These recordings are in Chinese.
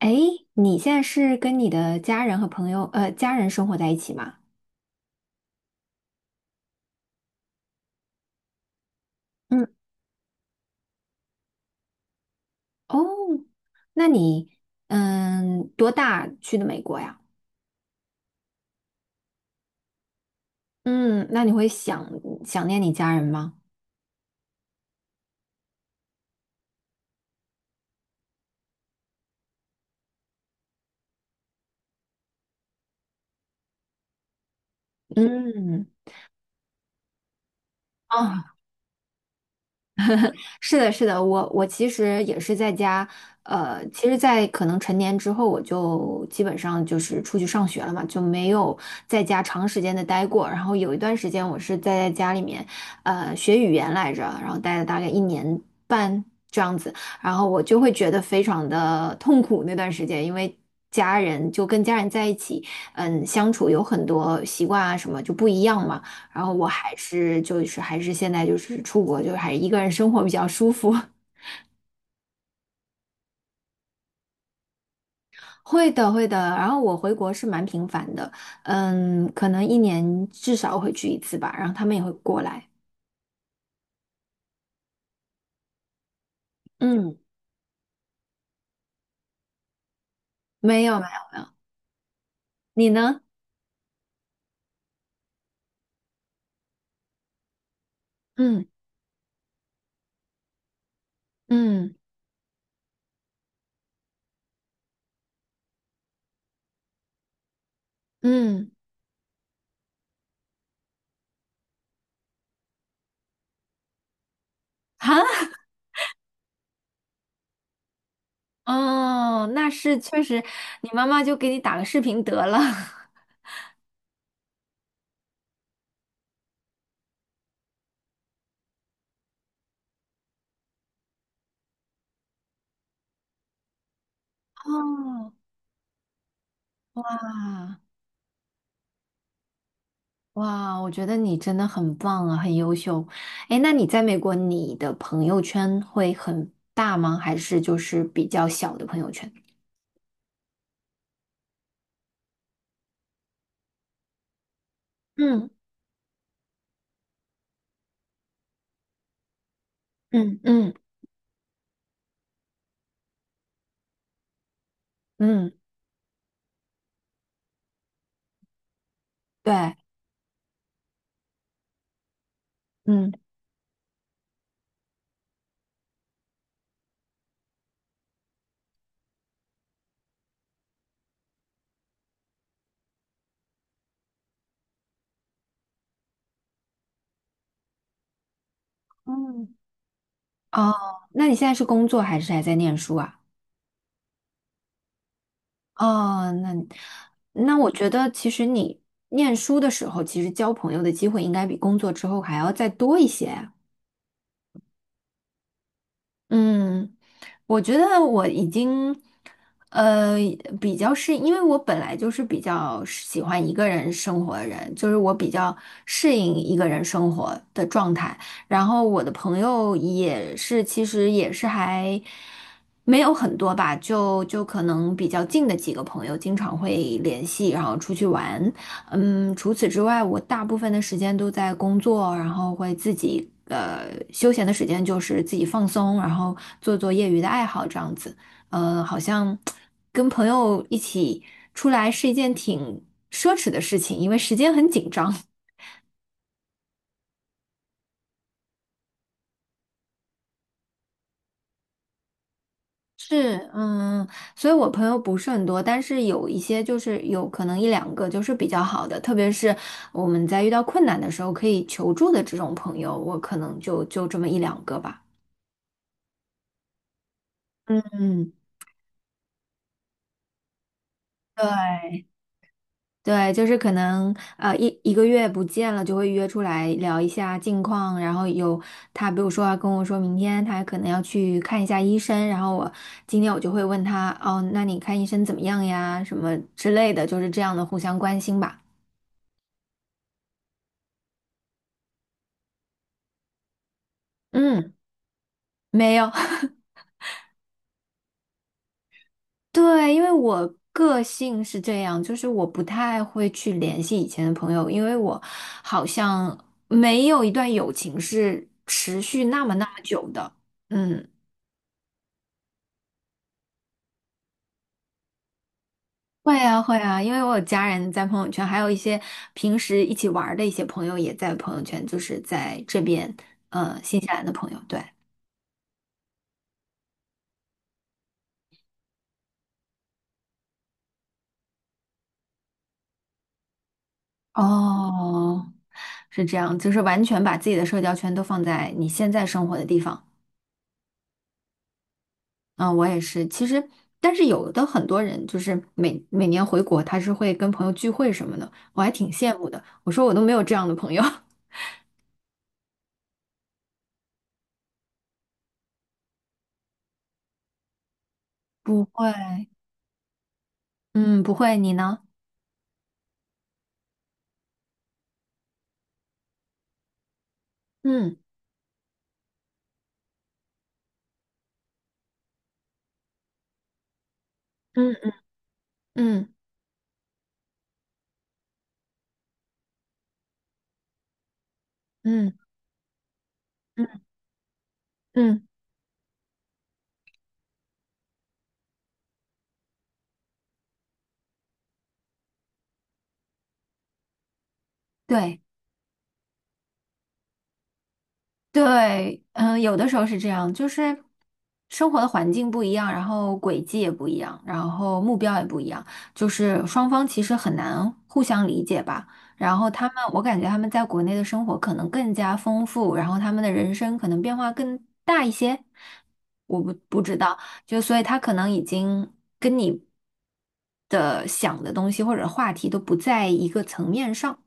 哎，你现在是跟你的家人和朋友，家人生活在一起吗？嗯哦，那你，多大去的美国呀？嗯，那你会想念你家人吗？嗯，哦，是的，是的，我其实也是在家，其实，在可能成年之后，我就基本上就是出去上学了嘛，就没有在家长时间的待过。然后有一段时间，我是在家里面，学语言来着，然后待了大概一年半这样子。然后我就会觉得非常的痛苦那段时间，因为家人就跟家人在一起，相处有很多习惯啊什么就不一样嘛。然后我还是就是还是现在就是出国，就是还是一个人生活比较舒服。会的，会的。然后我回国是蛮频繁的，可能一年至少会去一次吧。然后他们也会过来。嗯，没有没有，你呢？嗯嗯嗯，啊，哦，那是确实，你妈妈就给你打个视频得了。哦。啊。哇，我觉得你真的很棒啊，很优秀。哎，那你在美国，你的朋友圈会很大吗？还是就是比较小的朋友圈？嗯嗯嗯嗯，对，嗯嗯。哦，那你现在是工作还是还在念书啊？哦，那那我觉得其实你念书的时候，其实交朋友的机会应该比工作之后还要再多一些。嗯，我觉得我已经，呃，比较适，因为我本来就是比较喜欢一个人生活的人，就是我比较适应一个人生活的状态。然后我的朋友也是，其实也是还没有很多吧，就可能比较近的几个朋友经常会联系，然后出去玩。嗯，除此之外，我大部分的时间都在工作，然后会自己休闲的时间就是自己放松，然后做做业余的爱好这样子。好像跟朋友一起出来是一件挺奢侈的事情，因为时间很紧张。是，嗯，所以我朋友不是很多，但是有一些就是有可能一两个就是比较好的，特别是我们在遇到困难的时候可以求助的这种朋友，我可能就这么一两个吧。嗯。对，对，就是可能一个月不见了，就会约出来聊一下近况。然后有他，比如说要跟我说明天他可能要去看一下医生，然后我今天我就会问他，哦，那你看医生怎么样呀？什么之类的，就是这样的互相关心吧。嗯，没有。对，因为我个性是这样，就是我不太会去联系以前的朋友，因为我好像没有一段友情是持续那么那么久的。嗯。会啊，会啊，因为我有家人在朋友圈，还有一些平时一起玩儿的一些朋友也在朋友圈，就是在这边，新西兰的朋友，对。哦，是这样，就是完全把自己的社交圈都放在你现在生活的地方。嗯，我也是。其实，但是有的很多人就是每年回国，他是会跟朋友聚会什么的，我还挺羡慕的。我说我都没有这样的朋友。不会，嗯，不会，你呢？嗯嗯嗯嗯嗯嗯嗯，对。对，嗯，有的时候是这样，就是生活的环境不一样，然后轨迹也不一样，然后目标也不一样，就是双方其实很难互相理解吧。然后他们，我感觉他们在国内的生活可能更加丰富，然后他们的人生可能变化更大一些，我不知道，就所以他可能已经跟你的想的东西或者话题都不在一个层面上。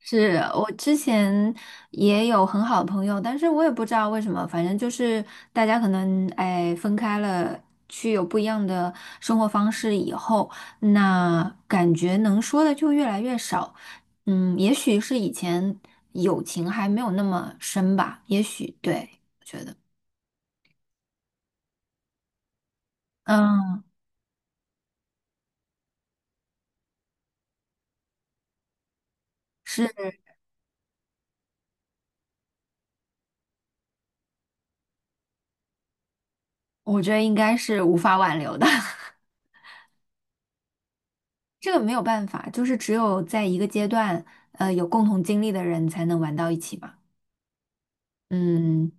是我之前也有很好的朋友，但是我也不知道为什么，反正就是大家可能哎分开了，去有不一样的生活方式以后，那感觉能说的就越来越少。嗯，也许是以前友情还没有那么深吧，也许对，我觉得，嗯，是，我觉得应该是无法挽留的，这个没有办法，就是只有在一个阶段，有共同经历的人才能玩到一起嘛。嗯，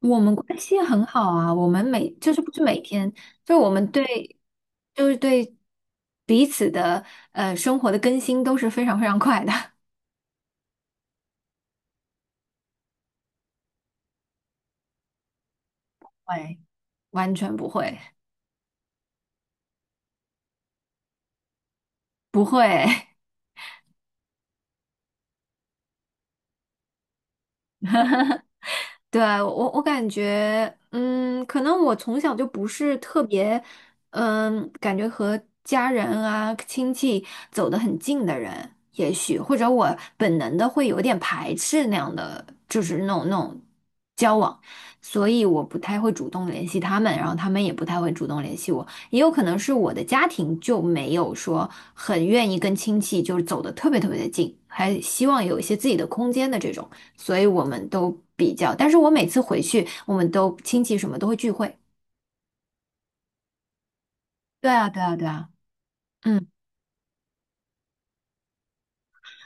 我们关系很好啊，我们每就是不是每天，就是我们对，就是对彼此的生活的更新都是非常非常快的。喂，完全不会，不会。对，我感觉，嗯，可能我从小就不是特别，感觉和家人啊、亲戚走得很近的人，也许或者我本能的会有点排斥那样的，就是那种交往，所以我不太会主动联系他们，然后他们也不太会主动联系我，也有可能是我的家庭就没有说很愿意跟亲戚就是走得特别特别的近，还希望有一些自己的空间的这种。所以我们都比较。但是我每次回去，我们都亲戚什么都会聚会。对啊，对啊，对啊。嗯。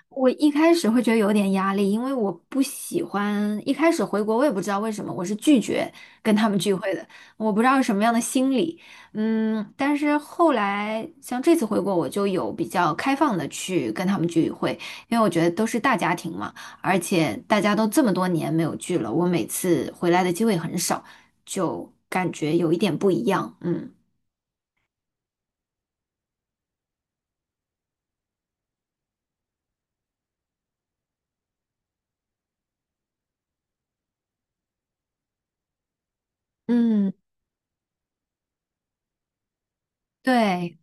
我一开始会觉得有点压力，因为我不喜欢一开始回国，我也不知道为什么，我是拒绝跟他们聚会的，我不知道是什么样的心理，嗯，但是后来像这次回国，我就有比较开放的去跟他们聚会，因为我觉得都是大家庭嘛，而且大家都这么多年没有聚了，我每次回来的机会很少，就感觉有一点不一样，嗯嗯，对，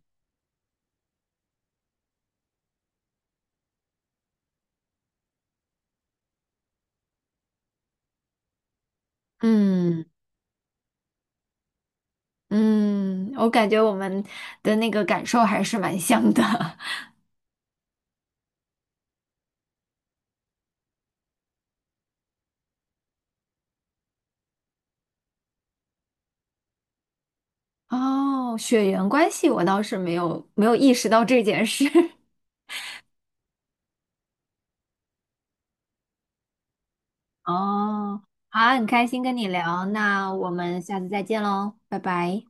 嗯。嗯，我感觉我们的那个感受还是蛮像的。哦，血缘关系我倒是没有意识到这件事。哦，好，很开心跟你聊，那我们下次再见喽，拜拜。